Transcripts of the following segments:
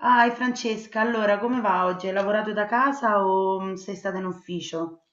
Ah, e Francesca, allora come va oggi? Hai lavorato da casa o sei stata in ufficio?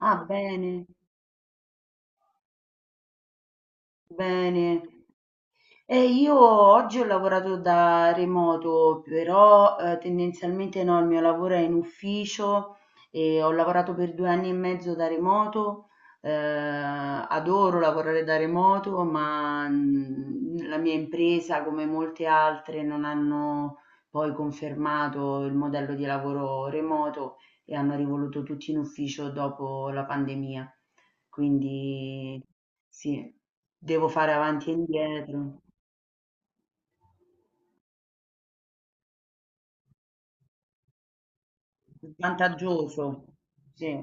Ah, bene, bene. Io oggi ho lavorato da remoto, però tendenzialmente no, il mio lavoro è in ufficio e ho lavorato per 2 anni e mezzo da remoto. eh, Adoro lavorare da remoto, ma la mia impresa, come molte altre, non hanno poi confermato il modello di lavoro remoto e hanno rivoluto tutti in ufficio dopo la pandemia. Quindi sì, devo fare avanti e indietro. Vantaggioso, sì,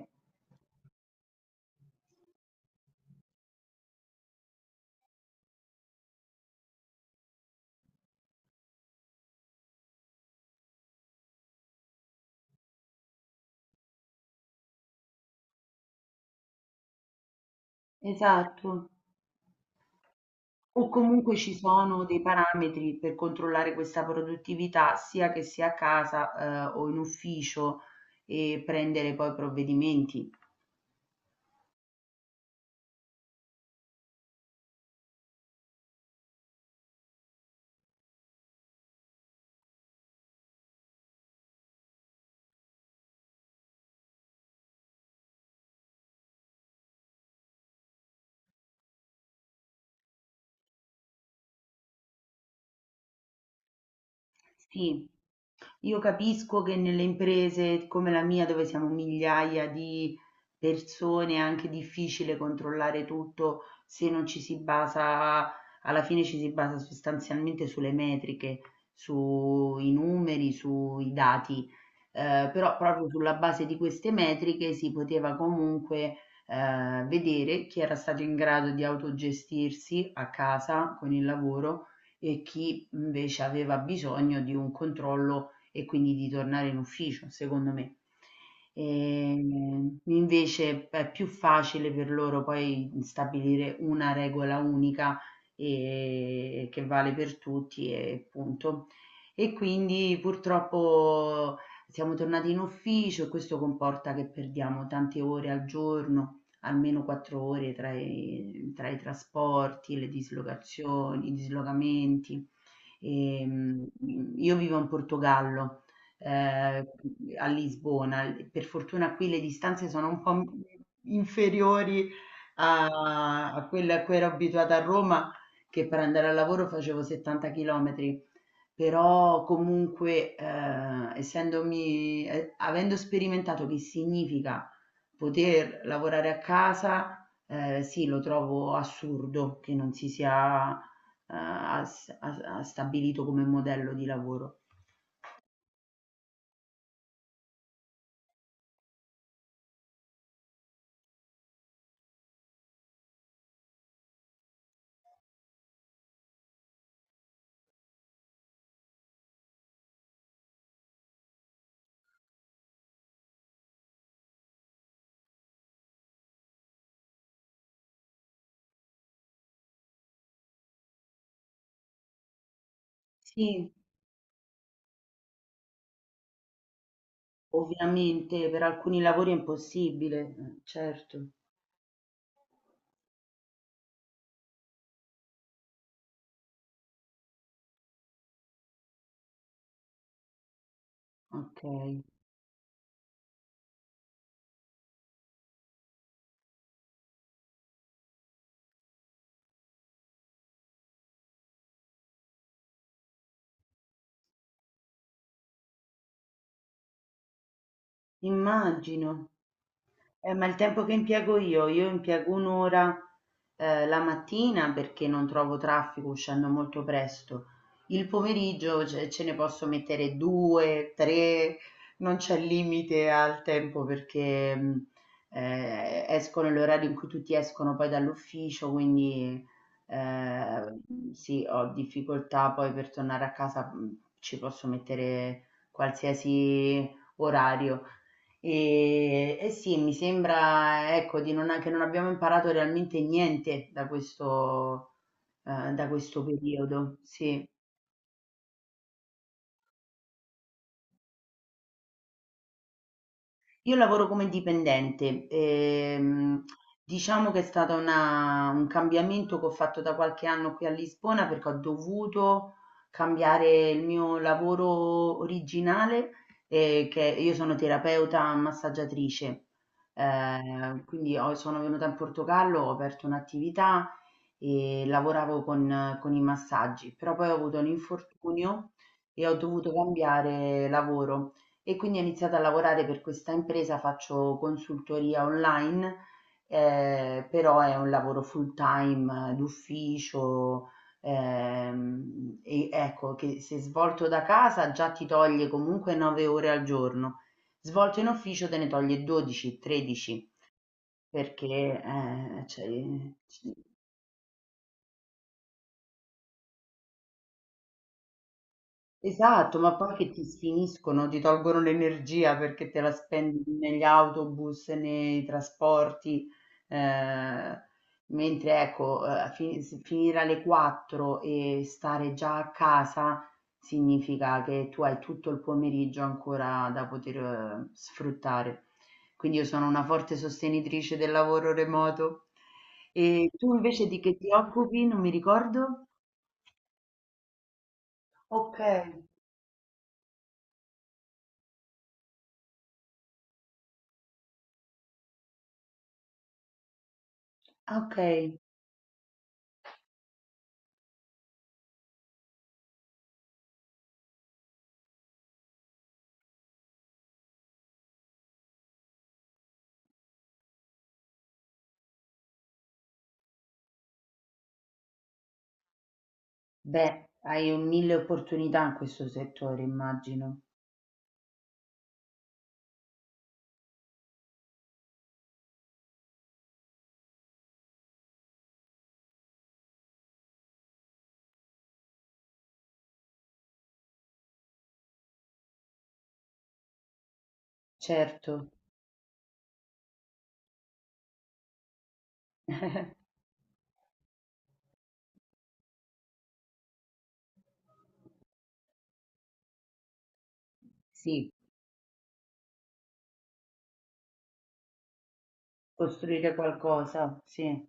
esatto. O comunque ci sono dei parametri per controllare questa produttività, sia che sia a casa, o in ufficio, e prendere poi provvedimenti. Sì, io capisco che nelle imprese come la mia, dove siamo migliaia di persone, è anche difficile controllare tutto se non ci si basa, alla fine ci si basa sostanzialmente sulle metriche, sui numeri, sui dati. Però proprio sulla base di queste metriche si poteva comunque vedere chi era stato in grado di autogestirsi a casa con il lavoro e chi invece aveva bisogno di un controllo e quindi di tornare in ufficio, secondo me. Invece è più facile per loro poi stabilire una regola unica e che vale per tutti e punto. E quindi purtroppo siamo tornati in ufficio e questo comporta che perdiamo tante ore al giorno, almeno 4 ore tra i trasporti, le dislocazioni, i dislocamenti. Io vivo in Portogallo, ehm, a Lisbona. Per fortuna qui le distanze sono un po' m inferiori a quelle a cui ero abituata a Roma, che per andare al lavoro facevo 70 chilometri. Però comunque, essendomi e avendo sperimentato che significa poter lavorare a casa, sì, lo trovo assurdo che non si sia, as as a stabilito come modello di lavoro. Sì, ovviamente per alcuni lavori è impossibile, certo, okay. Immagino. Ma il tempo che impiego io, impiego un'ora la mattina, perché non trovo traffico uscendo molto presto. Il pomeriggio ce, ne posso mettere due, tre, non c'è limite al tempo, perché esco nell'orario in cui tutti escono poi dall'ufficio. Quindi eh, sì, ho difficoltà poi per tornare a casa, ci posso mettere qualsiasi orario. E, sì, mi sembra, ecco, di non, che non abbiamo imparato realmente niente da questo, da questo periodo. Sì. Io lavoro come dipendente. Diciamo che è stato un cambiamento che ho fatto da qualche anno qui a Lisbona, perché ho dovuto cambiare il mio lavoro originale, che io sono terapeuta massaggiatrice. Quindi sono venuta in Portogallo, ho aperto un'attività e lavoravo con, i massaggi, però poi ho avuto un infortunio e ho dovuto cambiare lavoro, e quindi ho iniziato a lavorare per questa impresa, faccio consultoria online. Però è un lavoro full time d'ufficio. E ecco che se svolto da casa già ti toglie comunque 9 ore al giorno, svolto in ufficio te ne toglie 12, 13, perché cioè, esatto, ma poi che ti sfiniscono, ti tolgono l'energia, perché te la spendi negli autobus, nei trasporti, eh, mentre ecco, finire alle 4 e stare già a casa significa che tu hai tutto il pomeriggio ancora da poter, sfruttare. Quindi io sono una forte sostenitrice del lavoro remoto. E tu invece di che ti occupi? Non mi ricordo. Ok, ok. Beh, hai un mille opportunità in questo settore, immagino. Certo, sì, costruire qualcosa, sì.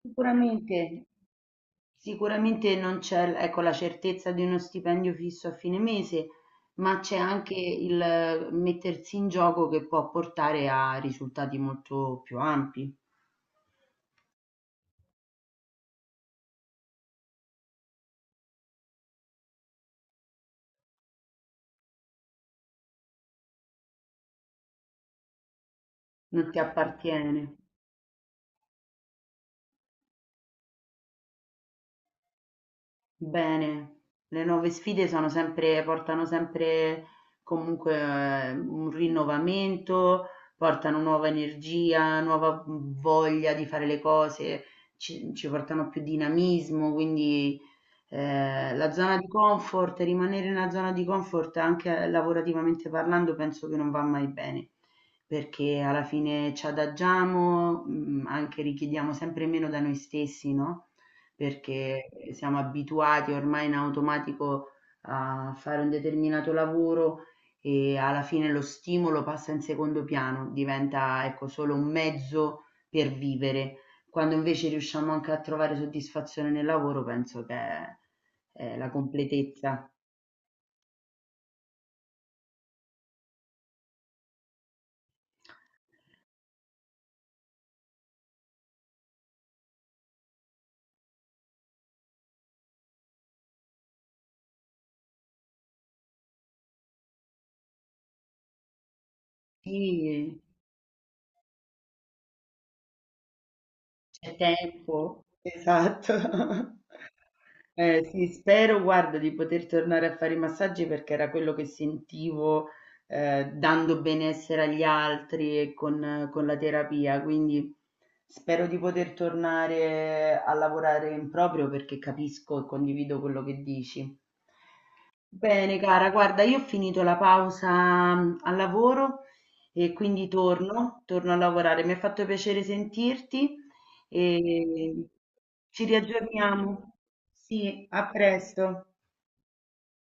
Sicuramente, sicuramente non c'è, ecco, la certezza di uno stipendio fisso a fine mese, ma c'è anche il mettersi in gioco che può portare a risultati molto più ampi. Non ti appartiene. Bene, le nuove sfide sono sempre, portano sempre comunque un rinnovamento, portano nuova energia, nuova voglia di fare le cose, ci, portano più dinamismo. Quindi la zona di comfort, rimanere nella zona di comfort anche lavorativamente parlando, penso che non va mai bene, perché alla fine ci adagiamo, anche richiediamo sempre meno da noi stessi, no? Perché siamo abituati ormai in automatico a fare un determinato lavoro e alla fine lo stimolo passa in secondo piano, diventa ecco solo un mezzo per vivere. Quando invece riusciamo anche a trovare soddisfazione nel lavoro, penso che è la completezza. Sì. C'è tempo? Esatto. Sì, spero, guarda, di poter tornare a fare i massaggi, perché era quello che sentivo, dando benessere agli altri e con, la terapia. Quindi spero di poter tornare a lavorare in proprio, perché capisco e condivido quello che dici. Bene, cara, guarda, io ho finito la pausa al lavoro, e quindi torno, a lavorare. Mi ha fatto piacere sentirti e ci riaggiorniamo. Sì, a presto.